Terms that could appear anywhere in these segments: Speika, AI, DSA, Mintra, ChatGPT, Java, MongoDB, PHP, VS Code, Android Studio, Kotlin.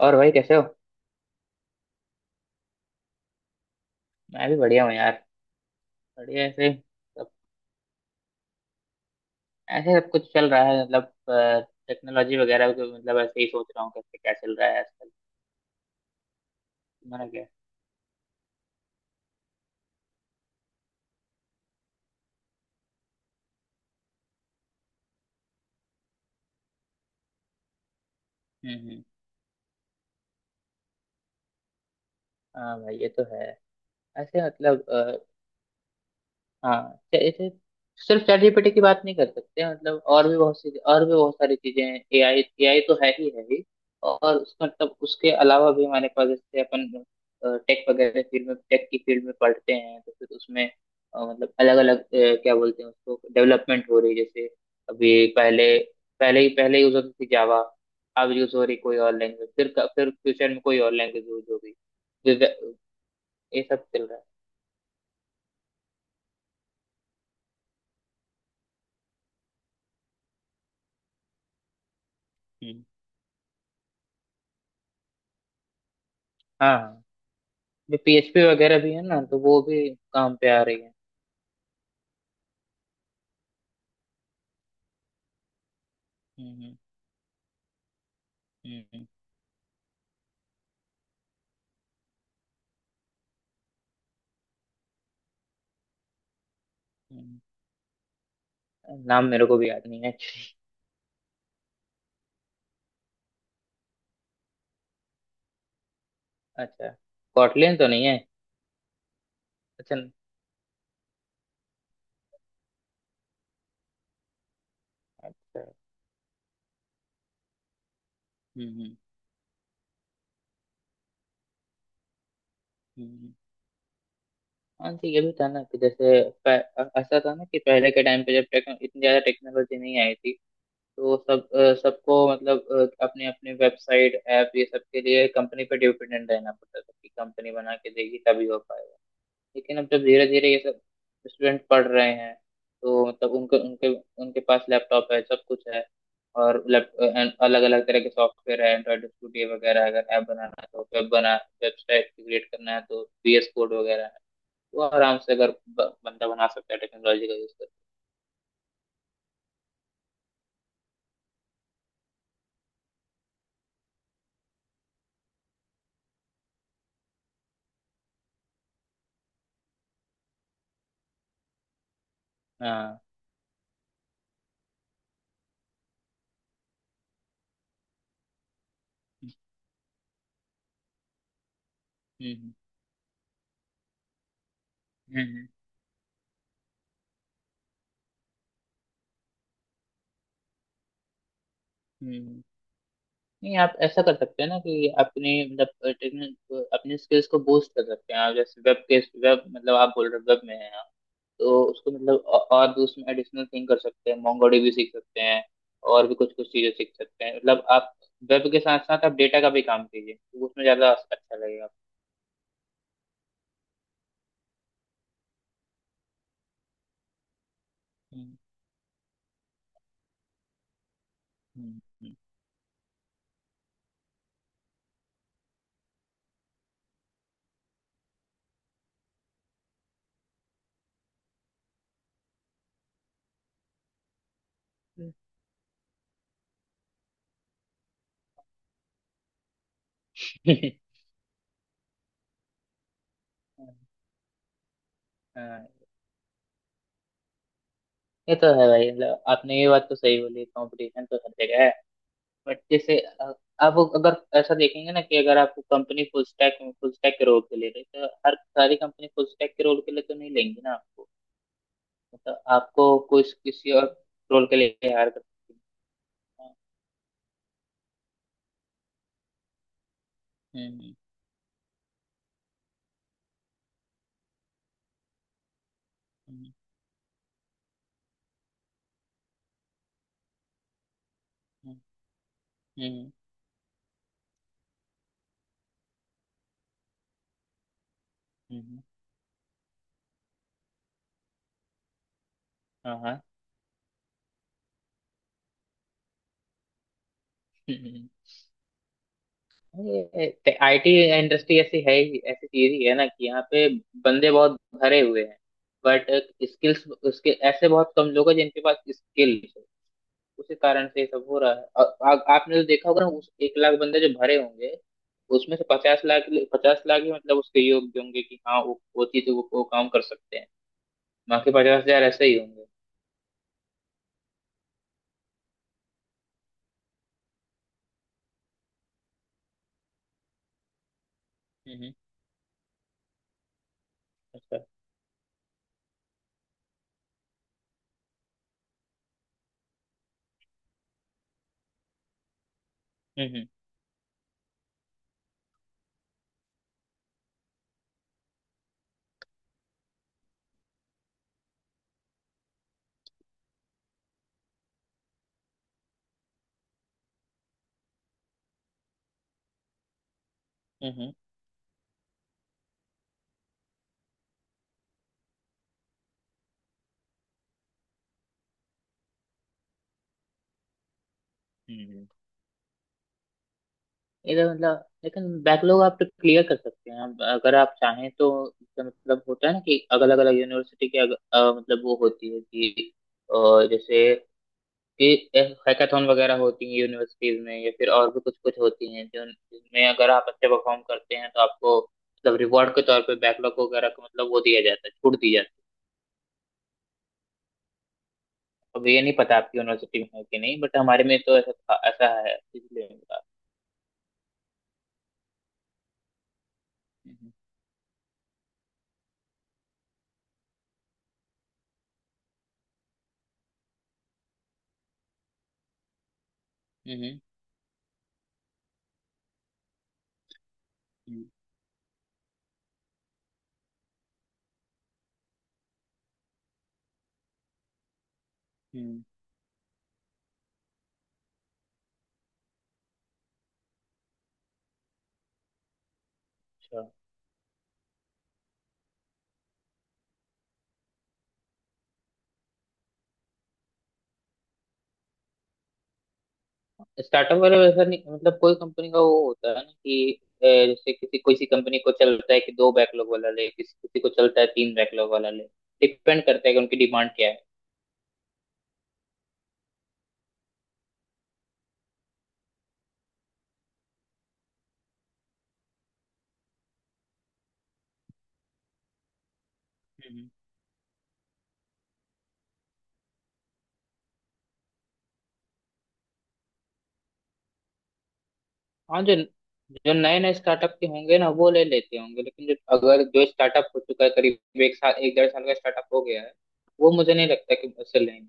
और भाई कैसे हो। मैं भी बढ़िया हूँ यार। बढ़िया ऐसे सब। ऐसे सब कुछ चल रहा है मतलब टेक्नोलॉजी वगैरह के मतलब ऐसे ही सोच रहा हूँ कैसे क्या चल रहा है आजकल। तुम्हारा क्या है? हम्म। हम्म। हाँ भाई ये तो है। ऐसे मतलब। हाँ। चे- चे- सिर्फ चैट जीपीटी की बात नहीं कर सकते मतलब और भी बहुत सी और भी बहुत सारी चीजें हैं। एआई एआई तो है ही है ही। और उस मतलब उसके अलावा भी हमारे पास जैसे अपन टेक की फील्ड में पढ़ते हैं तो फिर उसमें मतलब अलग अलग क्या बोलते हैं उसको डेवलपमेंट हो रही है। जैसे अभी पहले पहले ही पहले यूज होती थी जावा। अब यूज हो रही कोई और लैंग्वेज फिर फ्यूचर में कोई और लैंग्वेज यूज होगी। ये सब चल रहा है। हम्म। हाँ जो पीएचपी वगैरह भी है ना तो वो भी काम पे आ रही है। हम्म। हम्म। हम्म। हम्म। नाम मेरे को भी याद नहीं है। अच्छा। कॉटलिन तो नहीं है। अच्छा। अच्छा। हम्म। हम्म। हम्म। हाँ जी ये भी था ना कि जैसे ऐसा था ना कि पहले के टाइम पे जब इतनी ज्यादा टेक्नोलॉजी नहीं आई थी तो सबको मतलब अपने अपने वेबसाइट ऐप ये सब के लिए कंपनी पे डिपेंडेंट रहना पड़ता था कि कंपनी बना के देगी तभी हो पाएगा। लेकिन अब जब धीरे धीरे ये सब स्टूडेंट पढ़ रहे हैं तो मतलब उनके उनके उनके पास लैपटॉप है सब कुछ है। और अलग अलग तरह के सॉफ्टवेयर है एंड्रॉइड स्टूडियो वगैरह अगर ऐप बनाना है तो वेबसाइट क्रिएट करना है तो VS कोड वगैरह है। वो आराम से अगर बंदा बना सकता है टेक्नोलॉजी का यूज करके। हाँ। हम्म। हम्म। हम्म। हम्म। नहीं, आप ऐसा कर सकते हैं ना कि अपने मतलब टेक्निक अपने स्किल्स को बूस्ट कर सकते हैं आप जैसे वेब मतलब आप बोल रहे वेब में है तो उसको मतलब और भी उसमें एडिशनल थिंग कर सकते हैं मोंगोडीबी सीख सकते हैं। और भी कुछ कुछ चीजें सीख सकते हैं मतलब आप वेब के साथ साथ आप डेटा का भी काम कीजिए तो उसमें ज्यादा अच्छा लगेगा। हम्म। हम्म। हम्म। आपको। हाँ ये तो है भाई मतलब आपने ये बात तो सही बोली, कंपटीशन तो हर जगह है। बट जैसे आप अगर ऐसा देखेंगे ना कि अगर आपको कंपनी फुल स्टैक के रोल के लिए रही तो हर सारी कंपनी फुल स्टैक के रोल के लिए तो नहीं लेंगी ना आपको। मतलब आपको कुछ किसी और रोल के लिए हायर कर सकती है। हम्म। हम्म। हम्म। हम्म। हम्म। हाँ। हाँ। हम्म। ये आईटी इंडस्ट्री ऐसी है ही, ऐसी चीज ही है ना कि यहाँ पे बंदे बहुत भरे हुए हैं बट स्किल्स उसके ऐसे बहुत कम लोग हैं जिनके पास स्किल्स है। उसी कारण से ये सब हो रहा है। आ, आ, आपने तो देखा होगा ना उस 1 लाख बंदे जो भरे होंगे उसमें से 50 लाख 50 लाख ही मतलब उसके योग्य होंगे कि हाँ वो चीज वो काम कर सकते हैं। बाकी 50 हजार ऐसे ही होंगे। हम्म। अच्छा। हम्म। हम्म। हम्म। इधर मतलब, लेकिन बैकलॉग आप तो क्लियर कर सकते हैं अब अगर आप चाहें तो। इसका मतलब होता है ना कि अलग अलग यूनिवर्सिटी के मतलब वो होती है कि अ, जैसे कि हैकाथॉन वगैरह होती है यूनिवर्सिटीज में या फिर और भी कुछ कुछ होती हैं जो जिनमें अगर आप अच्छे परफॉर्म करते हैं तो आपको मतलब रिवॉर्ड के तौर पे बैकलॉग वगैरह का मतलब वो दिया जाता है, छूट दी जाती है। अब ये नहीं पता आपकी यूनिवर्सिटी में है कि नहीं बट हमारे में तो ऐसा है इसलिए। हम्म। हम्म। हम्म। हम्म। अच्छा। स्टार्टअप वाले में ऐसा नहीं, मतलब कोई कंपनी का वो होता है ना कि जैसे किसी किसी कंपनी को चलता है कि दो बैकलॉग वाला ले, किसी किसी को चलता है तीन बैकलॉग वाला ले। डिपेंड करता है कि उनकी डिमांड क्या है। हम्म। हाँ। जो जो नए नए स्टार्टअप के होंगे ना वो ले लेते होंगे लेकिन जो अगर जो स्टार्टअप हो चुका है करीब 1 साल 1 डेढ़ साल का स्टार्टअप हो गया है वो मुझे नहीं लगता कि उससे लेंगे।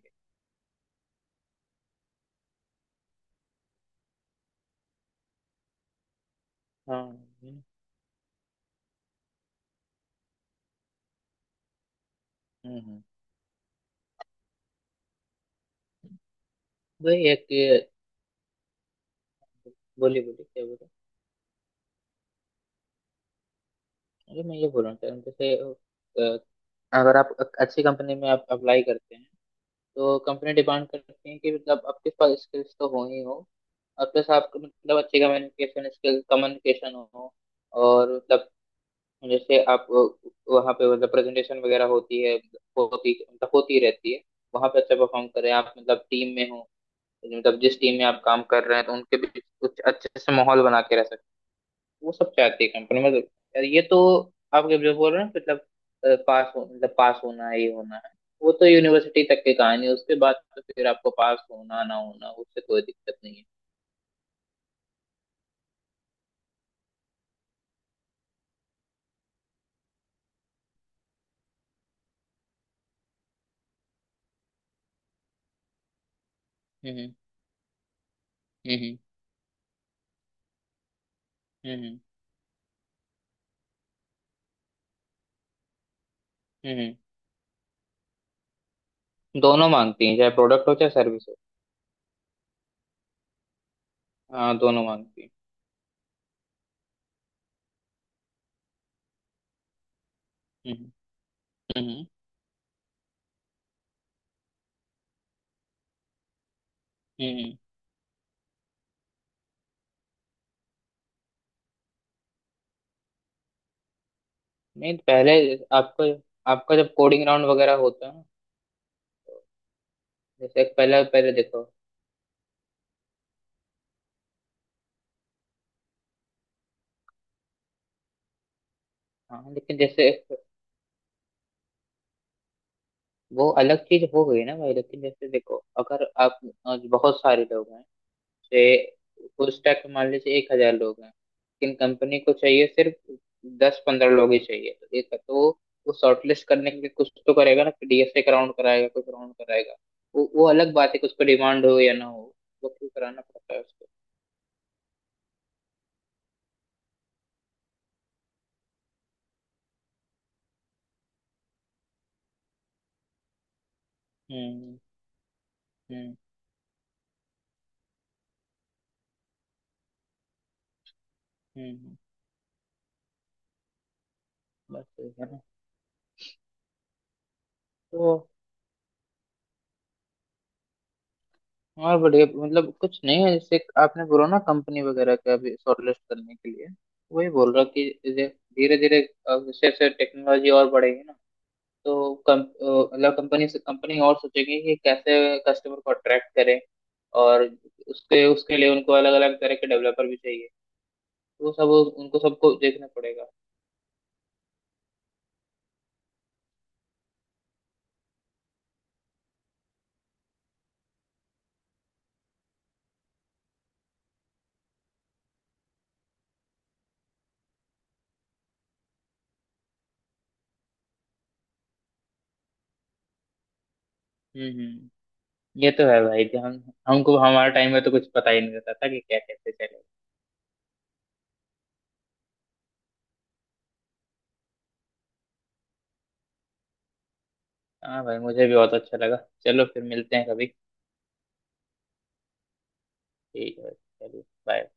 हाँ। हम्म। हम्म। वही एक ये बोली बोली क्या बोले। अरे मैं ये बोल रहा था जैसे अगर आप अच्छी कंपनी में आप अप्लाई करते हैं तो कंपनी डिमांड करती है कि मतलब आपके पास स्किल्स तो हो ही हो, और प्लस आपको मतलब अच्छी कम्युनिकेशन स्किल कम्युनिकेशन हो, और मतलब जैसे आप वहाँ पे मतलब प्रेजेंटेशन वगैरह होती है, होती मतलब होती रहती है, वहाँ पे अच्छा परफॉर्म करें आप मतलब टीम में हो मतलब जिस टीम में आप काम कर रहे हैं तो उनके बीच कुछ अच्छे से माहौल बना के रह सकते हैं, वो सब चाहती है कंपनी मतलब। यार ये तो आप जब जो बोल रहे हैं मतलब पास हो मतलब पास होना है ये होना है, वो तो यूनिवर्सिटी तक की कहानी है, उसके बाद तो फिर आपको पास होना ना होना उससे कोई दिक्कत नहीं है। हम्म। हम्म। हम्म। हम्म। हम्म। दोनों मांगती हैं चाहे प्रोडक्ट हो चाहे सर्विस हो। हाँ दोनों मांगती हैं। हम्म। हम्म। हम्म। नहीं पहले आपको आपका जब कोडिंग राउंड वगैरह होता है ना, तो जैसे एक पहले पहले देखो। हाँ। लेकिन जैसे वो अलग चीज हो गई ना भाई, लेकिन जैसे देखो अगर आप बहुत सारे लोग हैं, जैसे उस टाइप में मान लीजिए 1 हजार लोग हैं लेकिन कंपनी को चाहिए सिर्फ दस पंद्रह लोग ही चाहिए तो एक तो वो शॉर्टलिस्ट करने के लिए कुछ तो करेगा ना, डीएसए का राउंड कराएगा, कुछ राउंड कराएगा। वो अलग बात है कि उसको डिमांड हो या ना हो, वो क्यों कराना पड़ता है उसको। हम्म। हम्म। हम्म। बस ठीक है ना। तो और बढ़िया, मतलब कुछ नहीं है जैसे आपने बोला ना कंपनी वगैरह का भी शॉर्टलिस्ट करने के लिए, वही बोल रहा कि धीरे धीरे जैसे जैसे टेक्नोलॉजी और बढ़ेगी ना तो मतलब कंपनी से कंपनी और सोचेगी कि कैसे कस्टमर को अट्रैक्ट करें और उसके उसके लिए उनको अलग अलग तरह के डेवलपर भी चाहिए तो वो सब उनको सबको देखना पड़ेगा। हम्म। हम्म। ये तो है भाई कि हम हमको हमारे टाइम में तो कुछ पता ही नहीं रहता था कि क्या कैसे चलेगा। हाँ भाई मुझे भी बहुत अच्छा लगा। चलो फिर मिलते हैं कभी। ठीक है चलिए बाय।